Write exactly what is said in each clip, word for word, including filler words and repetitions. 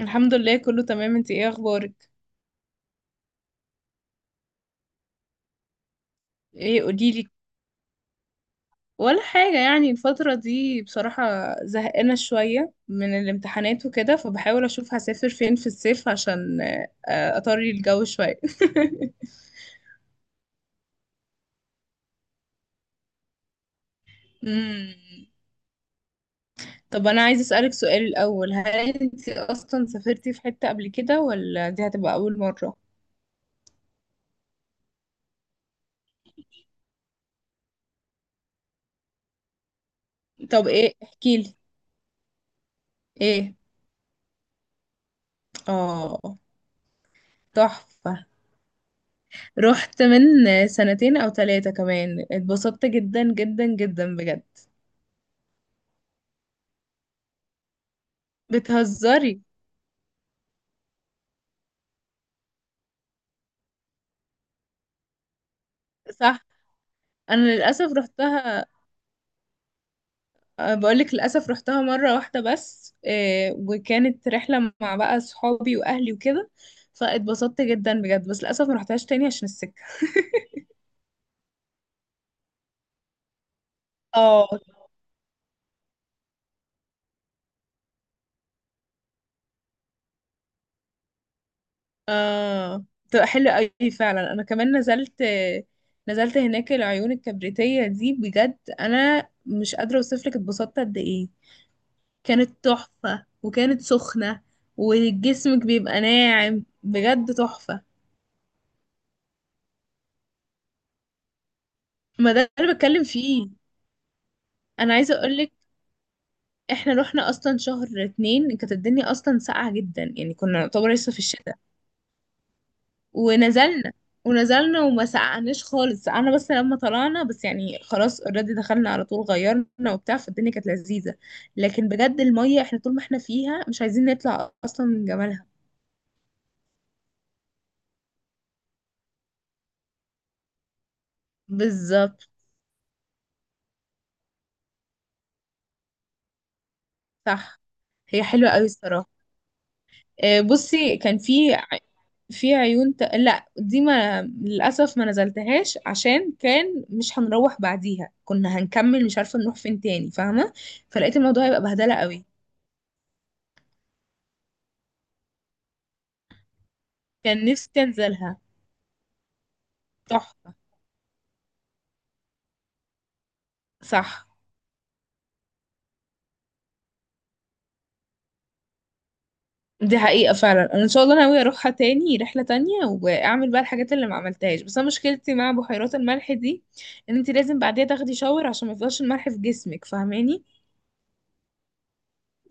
الحمد لله كله تمام. انت ايه اخبارك؟ ايه قوليلي. ولا حاجة يعني الفترة دي بصراحة زهقانة شوية من الامتحانات وكده، فبحاول اشوف هسافر فين في الصيف عشان آه، اطري الجو شوية. مم. طب انا عايزة اسألك سؤال الاول: هل انت اصلا سافرتي في حتة قبل كده، ولا دي هتبقى اول مرة؟ طب ايه احكيلي. ايه. اه. تحفة. رحت من سنتين او ثلاثة كمان، اتبسطت جدا جدا جدا بجد. بتهزري. صح. انا للاسف رحتها. بقولك للاسف رحتها مرة واحدة بس، آه، وكانت رحلة مع بقى صحابي واهلي وكده. فاتبسطت جدا بجد، بس للاسف ما رحتهاش تاني عشان السكة. اه. اه بتبقى حلوة قوي فعلا. انا كمان نزلت، نزلت هناك العيون الكبريتية دي. بجد انا مش قادرة اوصفلك اتبسطت قد ايه. كانت تحفة وكانت سخنة، وجسمك بيبقى ناعم بجد تحفة. ما ده اللي بتكلم فيه. انا عايزة اقولك احنا رحنا اصلا شهر اتنين، كانت الدنيا اصلا ساقعة جدا، يعني كنا نعتبر لسه في الشتاء. ونزلنا ونزلنا وما سقعناش خالص، سقعنا بس لما طلعنا، بس يعني خلاص اوريدي دخلنا على طول غيرنا وبتاع، فالدنيا كانت لذيذة. لكن بجد المية احنا طول ما احنا فيها مش عايزين نطلع اصلا من جمالها. بالظبط. صح. هي حلوة قوي الصراحة. آه، بصي كان في ع- في عيون ت... لا، دي ما للأسف ما نزلتهاش عشان كان مش هنروح بعديها، كنا هنكمل مش عارفة نروح فين تاني فاهمة. فلقيت الموضوع هيبقى بهدلة قوي. كان نفسي انزلها. تحفة. صح. دي حقيقة فعلا. أنا إن شاء الله ناوية أروحها تاني رحلة تانية وأعمل بقى الحاجات اللي ما عملتهاش. بس أنا مشكلتي مع بحيرات الملح دي إن أنت لازم بعديها تاخدي شاور عشان ما يفضلش الملح في جسمك فاهماني.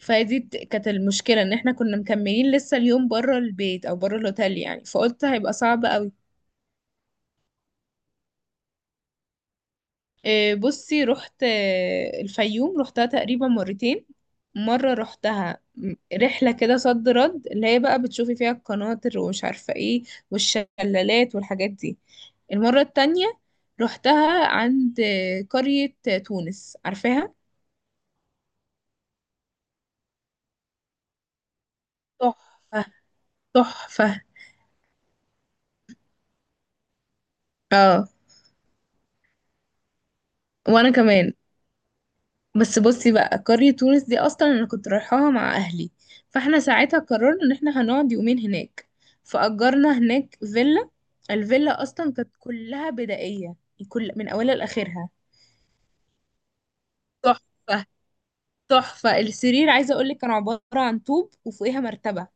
فدي ت- كانت المشكلة ان احنا كنا مكملين لسه اليوم بره البيت او بره الاوتيل، يعني فقلت هيبقى صعب قوي. إيه، بصي رحت آه، الفيوم، رحتها تقريبا مرتين. مرة رحتها م- رحلة كده صد رد، اللي هي بقى بتشوفي فيها القناطر ومش عارفة ايه، والشلالات والحاجات دي. المرة التانية رحتها عند آه، قرية آه، تونس، عارفاها؟ تحفة. تحفة. اه وانا كمان. بس بصي بقى قرية تونس دي أصلا أنا كنت رايحاها مع أهلي، فاحنا ساعتها قررنا إن احنا هنقعد يومين هناك. فأجرنا هناك فيلا. الفيلا أصلا كانت كلها بدائية، كل من أولها لآخرها. تحفة. تحفة السرير عايزة أقولك كان عبارة عن طوب وفوقيها مرتبة.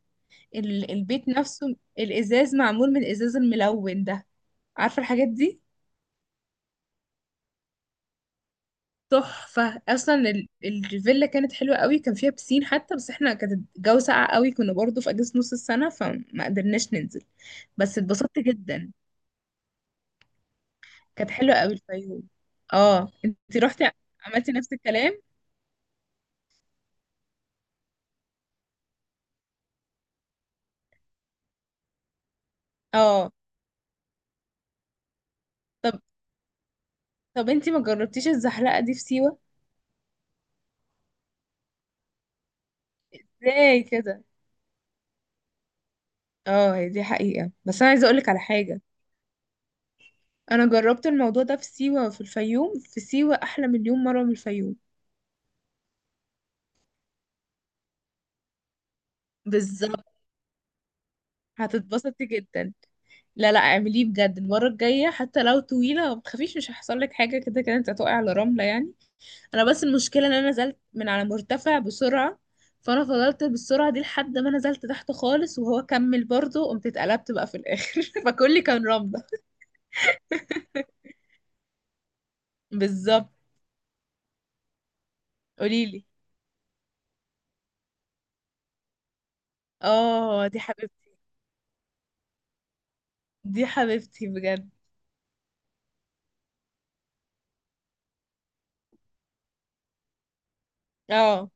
ال- البيت نفسه الإزاز معمول من الإزاز الملون ده، عارفة الحاجات دي؟ تحفة. اصلا ال- الفيلا كانت حلوة قوي، كان فيها بسين حتى، بس احنا كانت الجو ساقع قوي، كنا برضو في اجازة نص السنة فما قدرناش ننزل. بس اتبسطت جدا. كانت حلوة قوي الفيوم. اه انتي رحتي، عملتي نفس الكلام. اه. طب طب انتي ما جربتيش الزحلقة دي في سيوة؟ ازاي كده. اه هي دي حقيقة، بس انا عايزة اقولك على حاجة. انا جربت الموضوع ده في سيوة وفي الفيوم، في سيوة احلى مليون مرة من الفيوم. بالظبط. هتتبسطي جدا. لا لا اعمليه بجد المرة الجاية، حتى لو طويلة ما تخافيش مش هيحصل لك حاجة، كده كده انت هتقعي على رملة يعني. انا بس المشكلة ان انا نزلت من على مرتفع بسرعة، فانا فضلت بالسرعة دي لحد ما نزلت تحت خالص وهو كمل برضه، قمت اتقلبت بقى في الاخر فكلي كان رملة. بالظبط. قوليلي. اه دي حبيبتي، دي حبيبتي بجد. اه،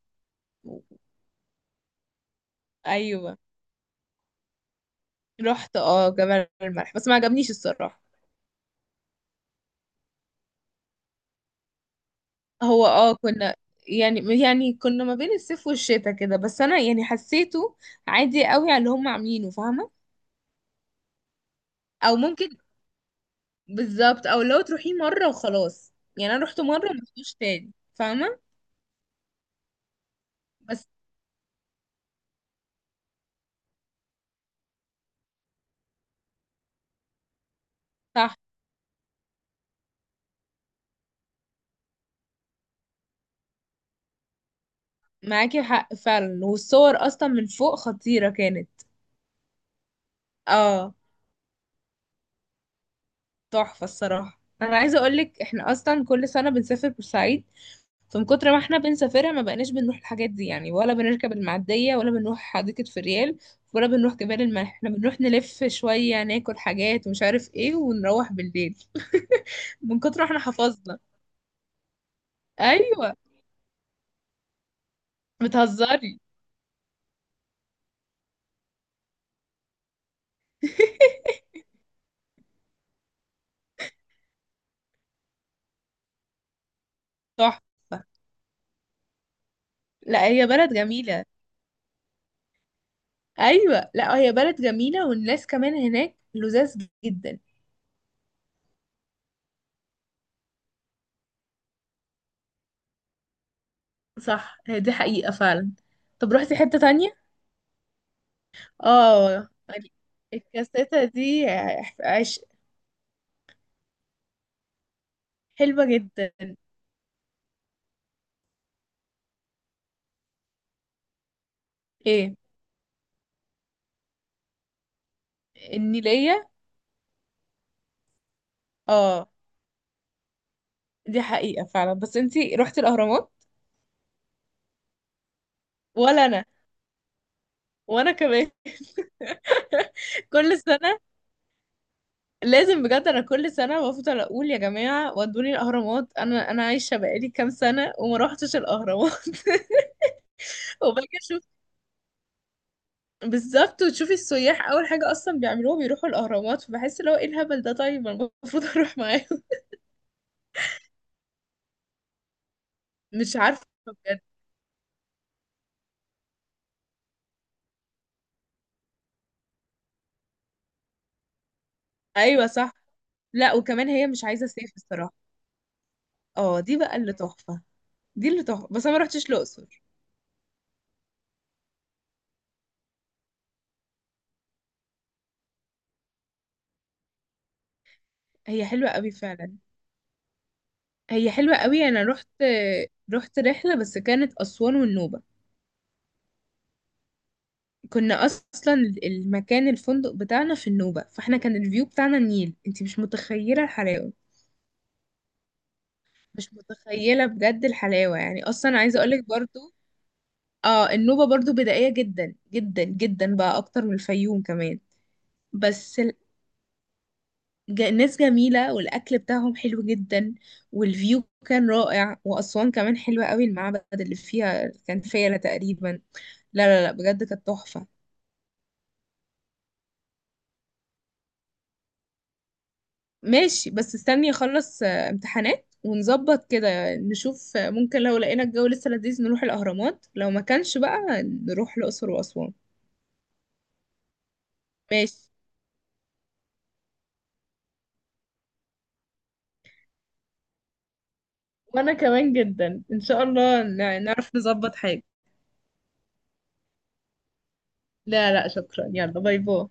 ايوه رحت اه جبل الملح بس ما عجبنيش الصراحة. هو اه كنا، يعني يعني كنا ما بين الصيف والشتاء كده، بس انا يعني حسيته عادي قوي على اللي هم عاملينه فاهمه. او ممكن، بالظبط. او لو تروحيه مره وخلاص، يعني انا رحت مره وما رحتوش تاني فاهمه. بس. صح. معاكي حق فعلا، والصور اصلا من فوق خطيره كانت. اه. تحفة الصراحة. انا عايزة اقولك احنا اصلا كل سنة بنسافر بورسعيد، فمن كتر ما احنا بنسافرها ما بقناش بنروح الحاجات دي يعني، ولا بنركب المعدية، ولا بنروح حديقة فريال، ولا بنروح جبال الملح. احنا بنروح نلف شوية ناكل حاجات ومش عارف ايه، ونروح بالليل من كتر ما احنا حفظنا. ايوه. بتهزري. تحفة. لا هي بلد جميلة. ايوه لا هي بلد جميلة، والناس كمان هناك لذاذ جدا. صح، هي دي حقيقة فعلا. طب روحتي حتة تانية؟ اه الكاسيتة دي، عش... حلوة جدا. ايه النيلية. اه دي حقيقة فعلا. بس انتي روحتي الأهرامات؟ ولا أنا، وأنا كمان. كل سنة، لازم بجد. أنا كل سنة بفضل أقول يا جماعة ودوني الأهرامات، أنا أنا عايشة بقالي كام سنة وما روحتش الأهرامات وباجي أشوف. بالظبط، وتشوفي السياح أول حاجة أصلا بيعملوها بيروحوا الأهرامات، فبحس اللي هو ايه الهبل ده، طيب أنا المفروض أروح معاهم. مش عارفة بجد. ايوه صح. لا وكمان هي مش عايزة صيف الصراحة. اه دي بقى اللي تحفة. دي اللي تحفة، بس انا ما رحتش الاقصر. هي حلوة قوي فعلا. هي حلوة قوي. انا رحت رحت رحلة بس كانت اسوان والنوبة. كنا اصلا المكان الفندق بتاعنا في النوبة، فاحنا كان الفيو بتاعنا النيل، انتي مش متخيلة الحلاوة. مش متخيلة بجد الحلاوة، يعني اصلا عايزة اقولك برضو. اه النوبة برضو بدائية جدا جدا جدا بقى اكتر من الفيوم كمان. بس ج- ناس جميلة والأكل بتاعهم حلو جدا، والفيو كان رائع، وأسوان كمان حلوة قوي، المعبد اللي فيها كان فيلة تقريبا. لا لا لا بجد كانت تحفة. ماشي، بس استني أخلص آه، امتحانات، ونظبط كده نشوف آه، ممكن لو لقينا الجو لسه لذيذ نروح الأهرامات، لو ما كانش بقى نروح الأقصر وأسوان. ماشي. وأنا كمان جدا إن شاء الله ن- نعرف نظبط حاجة. لا لا شكرا، يلا باي باي.